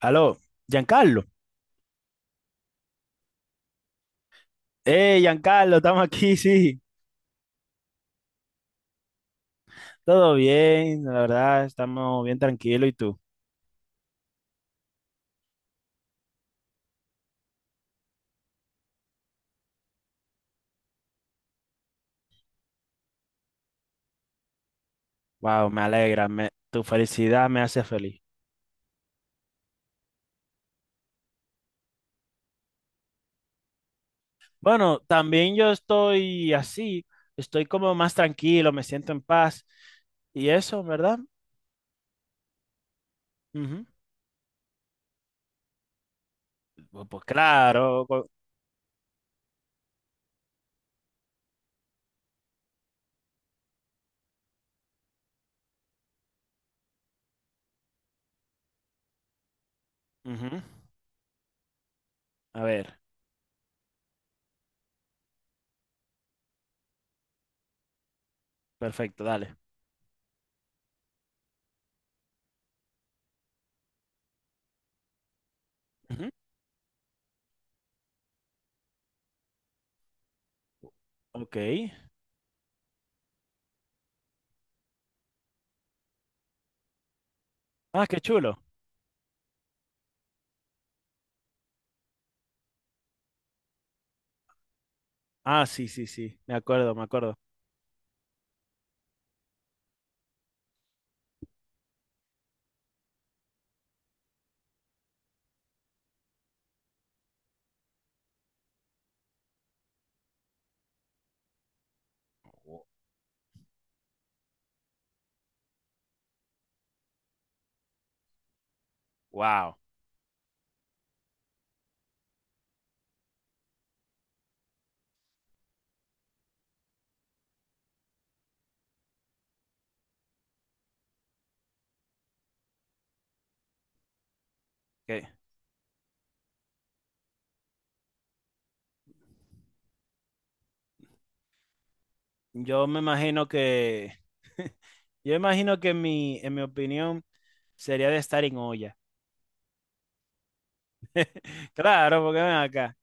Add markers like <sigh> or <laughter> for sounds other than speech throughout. Aló, Giancarlo. Giancarlo, estamos aquí, sí. Todo bien, la verdad, estamos bien tranquilos. ¿Y tú? Wow, me alegra, tu felicidad me hace feliz. Bueno, también yo estoy así, estoy como más tranquilo, me siento en paz. Y eso, ¿verdad? Ujú. Pues claro. Ujú. A ver, perfecto, dale. Ujú. Ok. Ah, qué chulo. Ah, sí, sí, sí, me acuerdo, me acuerdo. Wow. Yo me imagino que, <laughs> yo imagino que en mi opinión sería de estar en olla. <laughs> Claro, porque ven acá.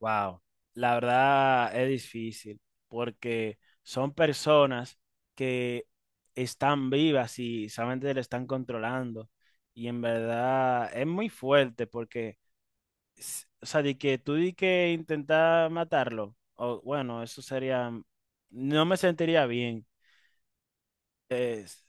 Wow, la verdad es difícil porque son personas que están vivas y solamente le están controlando. Y en verdad es muy fuerte porque, o sea, de que tú di que intentar matarlo, o bueno, eso sería, no me sentiría bien. Es-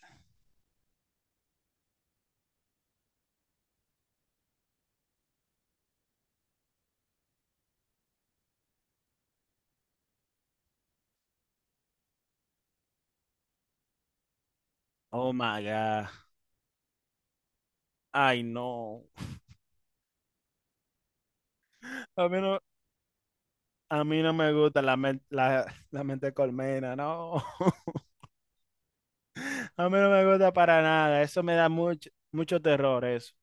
oh my God. Ay, no. A mí no, a mí no me gusta la, <laughs> la mente colmena, no. <laughs> A mí no me gusta para nada. Eso me da mucho, mucho terror, eso.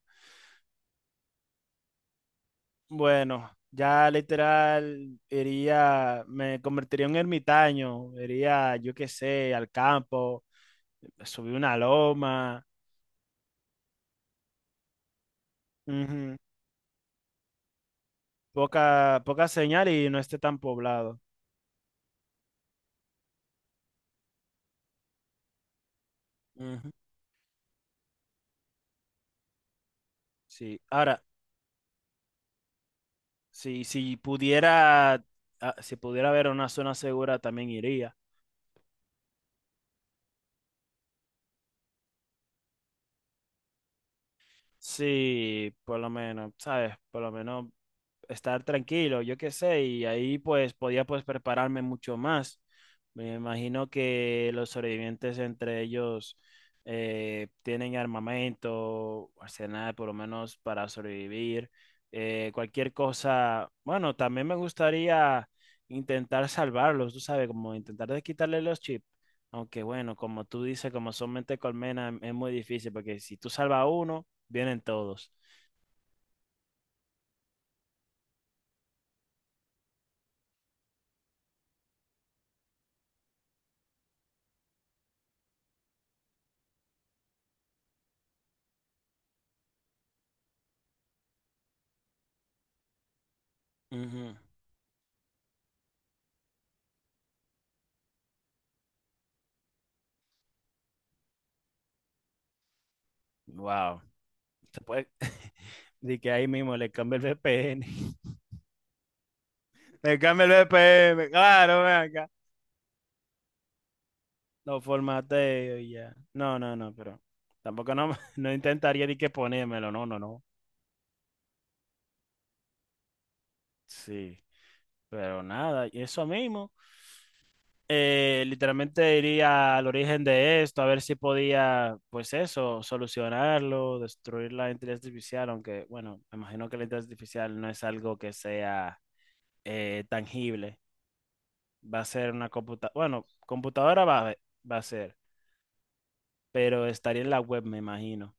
Bueno, ya literal iría, me convertiría en un ermitaño. Iría, yo qué sé, al campo, subir una loma. Ujú. Poca, poca señal y no esté tan poblado. Ujú. Sí. Ahora, si pudiera, si pudiera haber una zona segura, también iría. Sí, por lo menos, ¿sabes? Por lo menos estar tranquilo, yo qué sé, y ahí pues podía pues prepararme mucho más. Me imagino que los sobrevivientes entre ellos tienen armamento, arsenal por lo menos para sobrevivir, cualquier cosa. Bueno, también me gustaría intentar salvarlos, tú sabes, como intentar de quitarle los chips. Aunque bueno, como tú dices, como son mente colmena, es muy difícil porque si tú salvas a uno, vienen todos. Wow. Se puede. <laughs> De que ahí mismo le cambia el VPN. <laughs> Le cambia el VPN, claro, ven acá. Lo formateo y ya. No, no, no, pero tampoco no, <laughs> no intentaría ni que ponérmelo, no, no, no. Sí, pero nada, y eso mismo. Literalmente iría al origen de esto, a ver si podía, pues eso, solucionarlo, destruir la inteligencia artificial, aunque, bueno, me imagino que la inteligencia artificial no es algo que sea tangible. Va a ser una computadora. Bueno, computadora va a, haber- va a ser, pero estaría en la web, me imagino.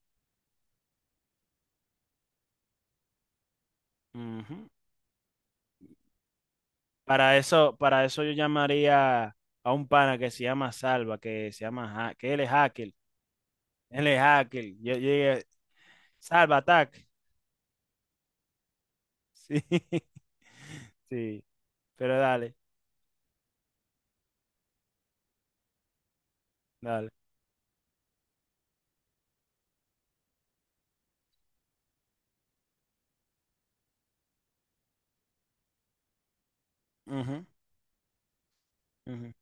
Ujú. Para eso yo llamaría a un pana que se llama Salva, que se llama, ha- que él es hacker. Él es hacker. Yo llegué, Salva, attack. Sí, <laughs> sí, pero dale, dale. Ujú, ujú,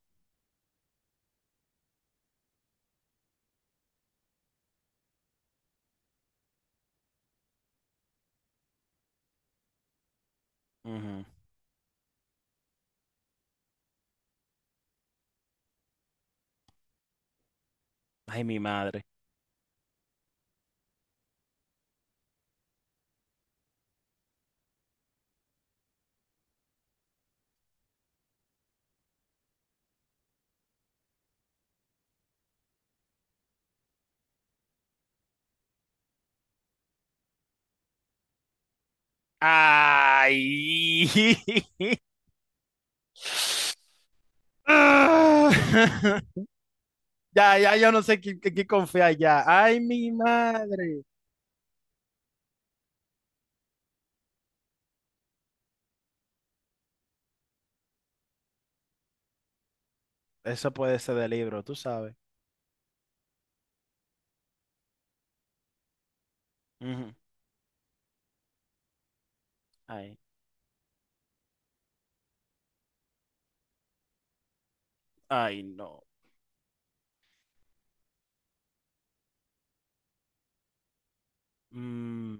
ujú. Ay, mi madre. Ay. <laughs> Ah. <laughs> Ya, ya, yo no sé qué confiar ya. Ay, mi madre. Eso puede ser de libro, tú sabes. Ujú. Ay, ay, no. Mm,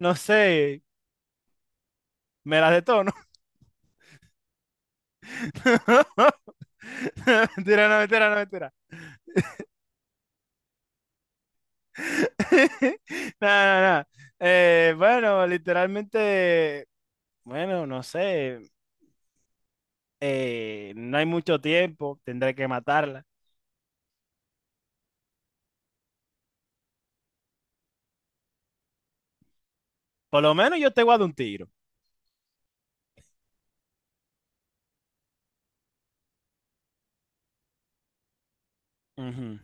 no sé, me las detono. <laughs> Mentira, no, mentira, no, mentira. <laughs> Nada, nada, bueno, literalmente, bueno, no sé. No hay mucho tiempo, tendré que matarla. Por lo menos yo te guardo un tiro. Ujú.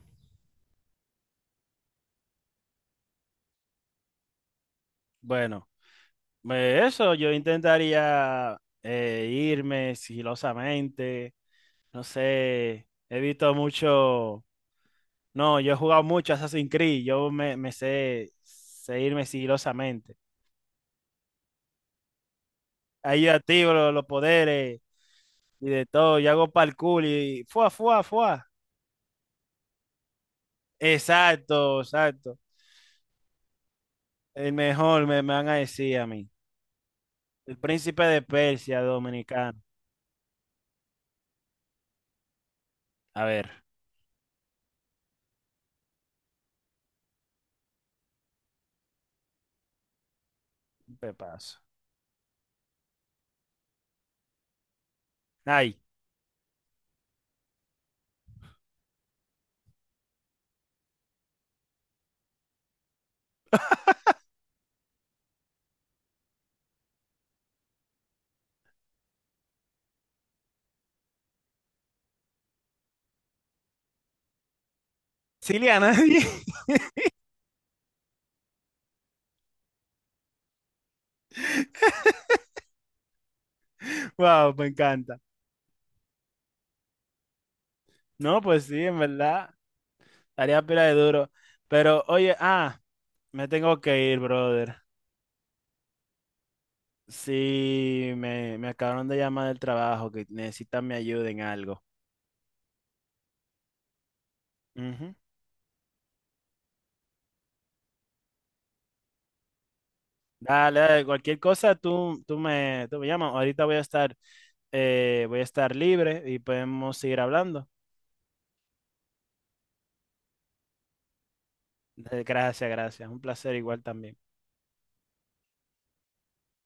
Bueno. Eso, yo intentaría irme sigilosamente, no sé, he visto mucho, no, yo he jugado mucho Assassin's Creed, yo sé irme sigilosamente. Ahí yo activo los poderes y de todo, yo hago parkour y fuá, fuá, fuá. Exacto, exacto. El mejor me, me van a decir a mí. El príncipe de Persia dominicano. A ver, un pepazo. Ay, Siliana. <laughs> Wow, me encanta. No, pues sí, en verdad, estaría pila de duro. Pero oye, me tengo que ir, brother. Sí, me acabaron de llamar del trabajo, que necesitan mi ayuda en algo. Ujú. Dale, dale, cualquier cosa, tú me llamas. Ahorita voy a estar libre y podemos seguir hablando. Gracias, gracias. Un placer igual también.